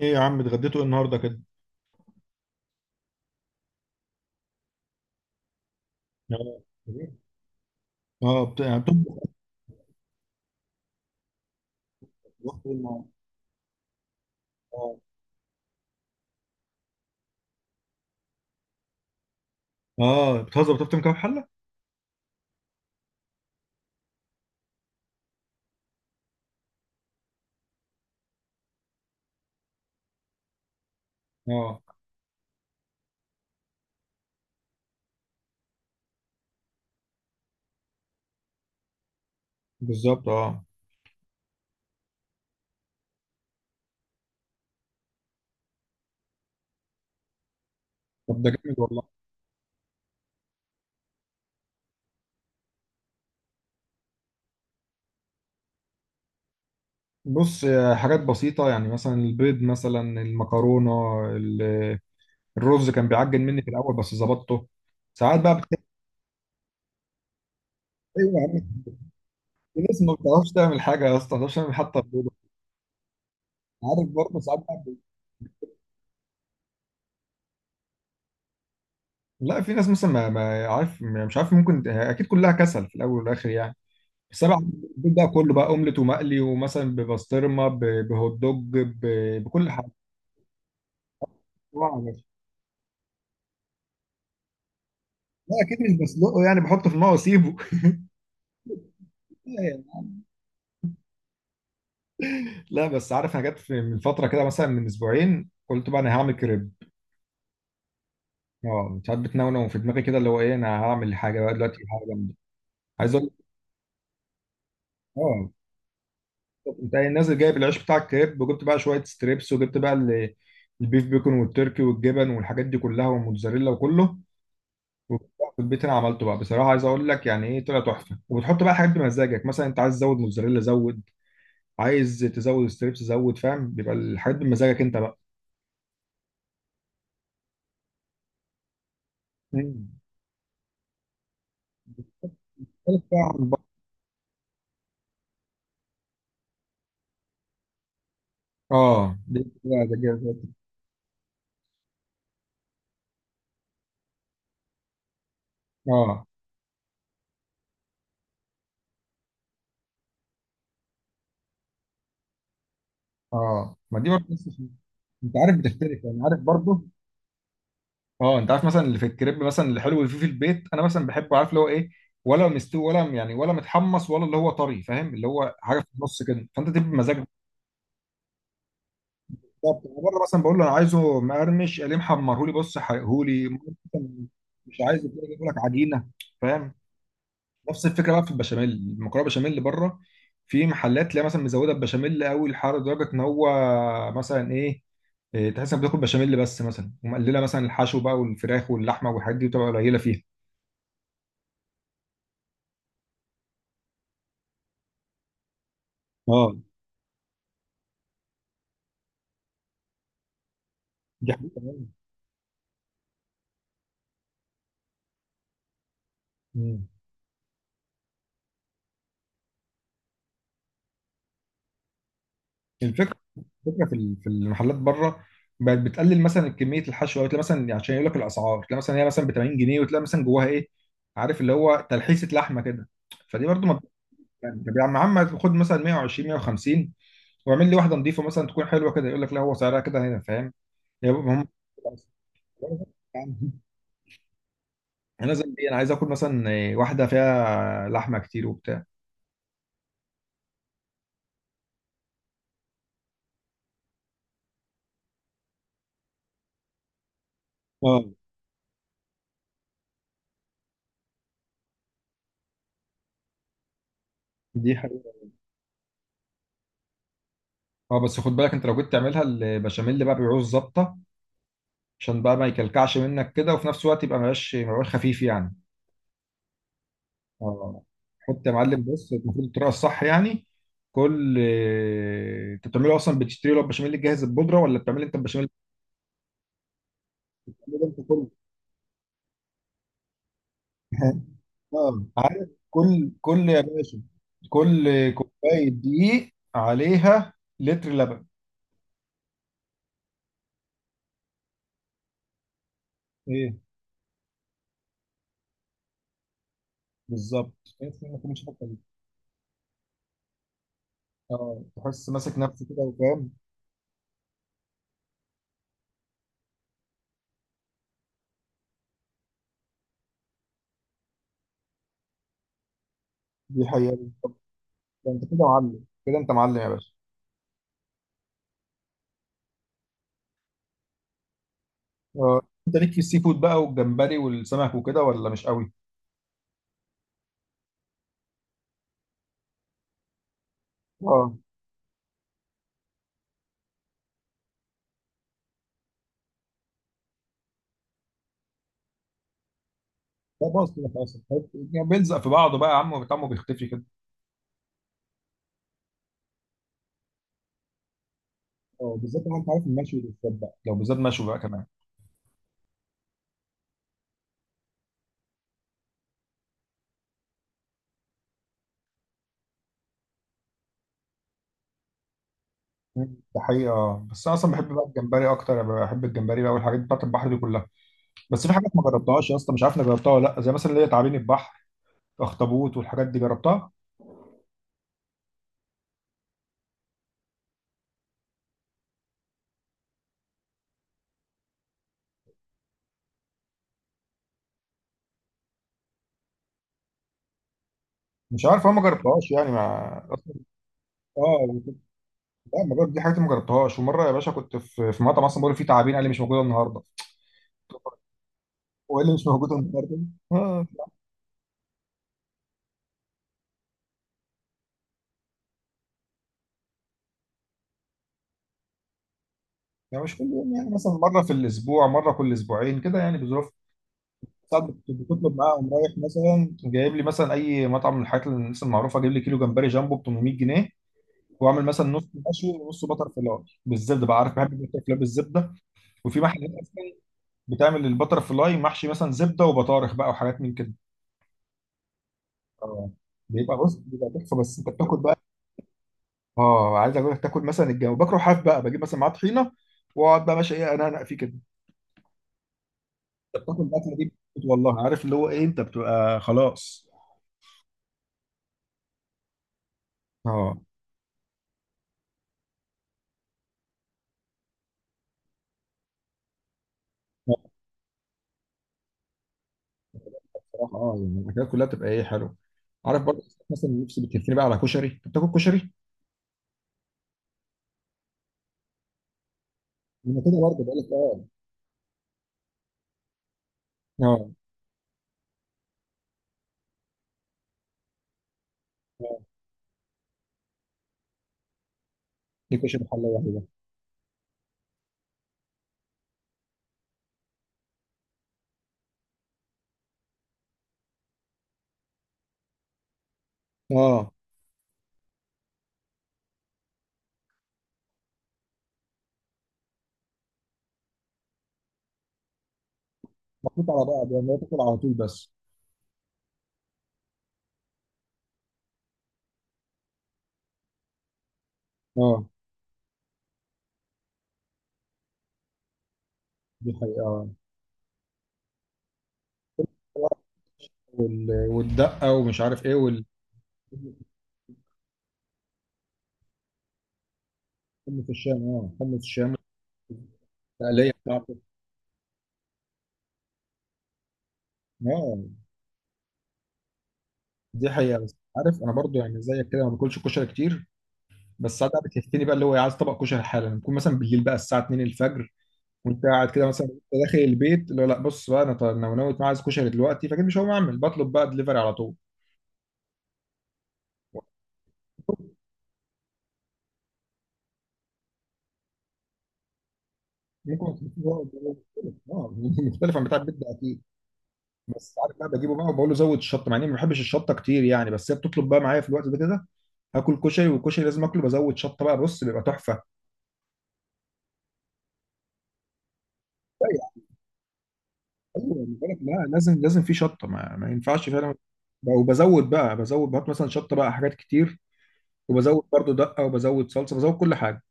ايه يا عم اتغديتوا ايه النهارده كده؟ اه. إيه؟ اه، يعني بتطبخ. بتطبخ إيه النهاردة؟ اه. اه بتهزر بتفطم كام حله؟ اه بالظبط اه. طب ده جامد والله. بص، حاجات بسيطه يعني مثلا البيض مثلا المكرونه. ال- الرز كان بيعجن مني في الاول بس ظبطته. ساعات بقى ايوه يا عم. في ناس ما بتعرفش تعمل حاجه يا اسطى، ما بتعرفش تعمل حتى البيض. عارف برضه ساعات بقى لا، في ناس مثلا ما عارف، مش عارف، ممكن اكيد كلها كسل في الاول والاخر يعني. السبع البيت بقى كله بقى اومليت ومقلي ومثلا ببسطرمه بهوت دوج بكل حاجه. طبعاً. لا اكيد مش بسلقه يعني بحطه في الماء واسيبه. لا بس عارف، انا جت من فتره كده مثلا من اسبوعين قلت بقى انا هعمل كريب. اه، ساعات بتنونو في دماغي كده اللي هو ايه، انا هعمل حاجه بقى دلوقتي حاجه جامده. عايز اقول اه. انت نازل جايب العيش بتاع الكريب، وجبت بقى شويه ستريبس، وجبت بقى البيف بيكون والتركي والجبن والحاجات دي كلها والموتزاريلا وكله. في البيت انا عملته بقى، بصراحه عايز اقول لك يعني ايه، طلع تحفه. وبتحط بقى حاجات بمزاجك، مثلا انت عايز تزود موتزاريلا زود، عايز تزود ستريبس زود. فاهم، بيبقى الحاجات بمزاجك انت بقى. مم. مختلف بقى عن بره. اه، دي لا، اه. اه، ما دي برضه انت عارف بتختلف يعني، عارف برضه. اه، انت عارف مثلا اللي في الكريب مثلا الحلو اللي فيه في البيت، انا مثلا بحبه عارف اللي هو ايه، ولا مستوي ولا يعني ولا متحمص، ولا اللي هو طري، فاهم اللي هو حاجه في النص كده، فانت تبقى بمزاجك. بالظبط، أنا بره مثلا بقول له انا عايزه مقرمش، قال لي محمرهولي، بص حرقهولي مثلاً. مش عايز يقول لك عجينه. فاهم. نفس الفكره بقى في البشاميل، المكرونه بشاميل بره، في محلات تلاقي مثلا مزوده البشاميل قوي الحر لدرجه ان هو مثلا ايه، تحس انك بتاكل بشاميل بس، مثلا ومقلله مثلا الحشو بقى والفراخ واللحمه والحاجات دي بتبقى قليله فيها. اه. دي حقيقة. مم. الفكره الفكره في في المحلات بره بقت بتقلل مثلا كميه الحشوه، وتلاقي مثلا عشان يقول لك الاسعار تلاقي مثلا هي مثلا ب 80 جنيه، وتلاقي مثلا جواها ايه، عارف اللي هو تلحيسه لحمه كده. فدي برضو ما يعني، طب يا عم خد مثلا 120 150، واعمل لي واحده نظيفه مثلا تكون حلوه كده. يقول لك لا هو سعرها كده هنا، فاهم. يا بابا هم، انا لازم ايه، انا عايز اكل مثلا، واحده فيها لحمه كتير وبتاع. اه دي حقيقة. اه بس خد بالك، انت لو جيت تعملها البشاميل بقى بيعوز ظبطه، عشان بقى ما يكلكعش منك كده، وفي نفس الوقت يبقى مبقاش خفيف يعني. اه. حط يا معلم، بص المفروض الطريقه الصح يعني. كل، انت بتعمله اصلا، بتشتري له البشاميل الجاهز البودره، ولا بتعمل انت البشاميل الجاهز ده انت كله. اه عارف، كل كل يا باشا، كل كوبايه دقيق عليها لتر لبن. ايه بالظبط. تحس إنك مش فاكر. اه، تحس ماسك نفسه كده وفاهم. دي حقيقة. ده انت كده معلم، كده انت معلم يا باشا. اه، انت ليك في السي فود بقى والجمبري والسمك وكده ولا مش قوي؟ اه. لا خلاص كده، خلاص يعني بيلزق في بعضه بقى يا عم، طعمه بيختفي كده. اه بالذات، لو انت عارف المشوي بالذات بقى، لو بالذات مشوي بقى كمان. ده حقيقة. اه بس انا اصلا بحب بقى الجمبري اكتر. أنا بحب الجمبري بقى والحاجات بتاعت البحر دي كلها. بس في حاجات ما جربتهاش يا اسطى، مش عارف انا جربتها ولا لا، زي مثلا اللي هي تعابين البحر، اخطبوط والحاجات دي جربتها. مش عارف، انا ما جربتهاش يعني مع اصلا. اه. لا ما جرب- دي حاجات ما جربتهاش. ومره يا باشا كنت في مطعم اصلا بقول فيه تعابين، قال لي مش موجوده النهارده. هو إيه اللي مش موجود النهارده. اه. يعني مش كل يوم، يعني مثلا مره في الاسبوع، مره كل اسبوعين كده يعني بظروف. ساعات بتطلب معاهم رايح مثلا جايب لي مثلا اي مطعم من الحاجات اللي الناس المعروفه جايب لي كيلو جمبري جامبو ب 800 جنيه، واعمل مثلا نص مشوي ونص بتر فلاي بالزبده بقى. عارف بحب البتر فلاي بالزبده، وفي محلات اصلا بتعمل البتر فلاي محشي مثلا زبده وبطارخ بقى وحاجات من كده. اه بيبقى، بص بيبقى تحفه بس انت بتاكل بقى. اه، عايز اقول لك، تاكل مثلا الجو، بكره حاف بقى، بجيب مثلا معاه طحينه، واقعد بقى ماشي ايه انا فيه كده. انت بتاكل الاكله دي بتموت والله، عارف اللي هو ايه انت بتبقى خلاص. اه. لا، بصراحه اه يعني الاكلات كلها بتبقى ايه حلو. عارف برضه، مثلا نفسي بتكفيني بقى على كشري، انت بتاكل كشري؟ انا كده برضه بقول لك اه. اه. اه دي كشري حله واحده. اه محطوط على بعض يعني هو تاكل على طول بس. اه دي حقيقه اه. والدقه ومش عارف ايه وال حمص الشام. اه حمص الشام، التقليه بتاعته. اه دي حقيقه. بس عارف، انا برضو يعني زيك كده ما باكلش كشري كتير. بس ساعات بقى بتهفني بقى اللي هو، عايز طبق كشري حالا، بكون مثلا بالليل بقى الساعه 2 الفجر، وانت قاعد كده مثلا، وأنت داخل البيت اللي هو لا بص بقى، انا طيب انا ناوي أنا عايز كشري دلوقتي، فاكيد مش هقوم اعمل، بطلب بقى دليفري على طول. ممكن. اه مختلف عن بتاع البيت ده اكيد. بس عارف بقى بجيبه بقى وبقول له زود الشطه، مع اني ما بحبش الشطه كتير يعني، بس هي بتطلب بقى معايا في الوقت ده كده. هاكل كشري والكشري لازم اكله بزود شطه بقى، بص بيبقى تحفه. لا يا- ايوه أنا بقولك لا، لازم لازم في شطه، ما ينفعش فعلا. وبزود بقى بزود، بحط مثلا شطه بقى حاجات كتير، وبزود برضو دقه، وبزود صلصه، بزود كل حاجه.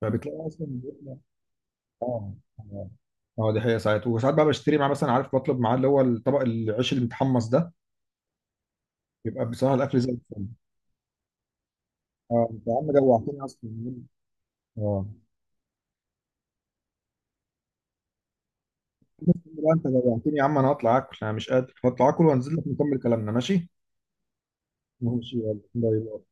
فبتلاقي اصلا بيطلع-. اه اه اه دي حقيقه. ساعات وساعات بقى بشتري معاه مثلا، عارف بطلب معاه اللي هو الطبق، العيش اللي متحمص ده، بيبقى بصراحه الاكل زي الفل. اه، انت يا عم جوعتني اصلا. اه لا، انت جوعتني يا عم، انا هطلع اكل، انا مش قادر، هطلع اكل وانزل لك نكمل كلامنا ماشي. ماشي يلا باي.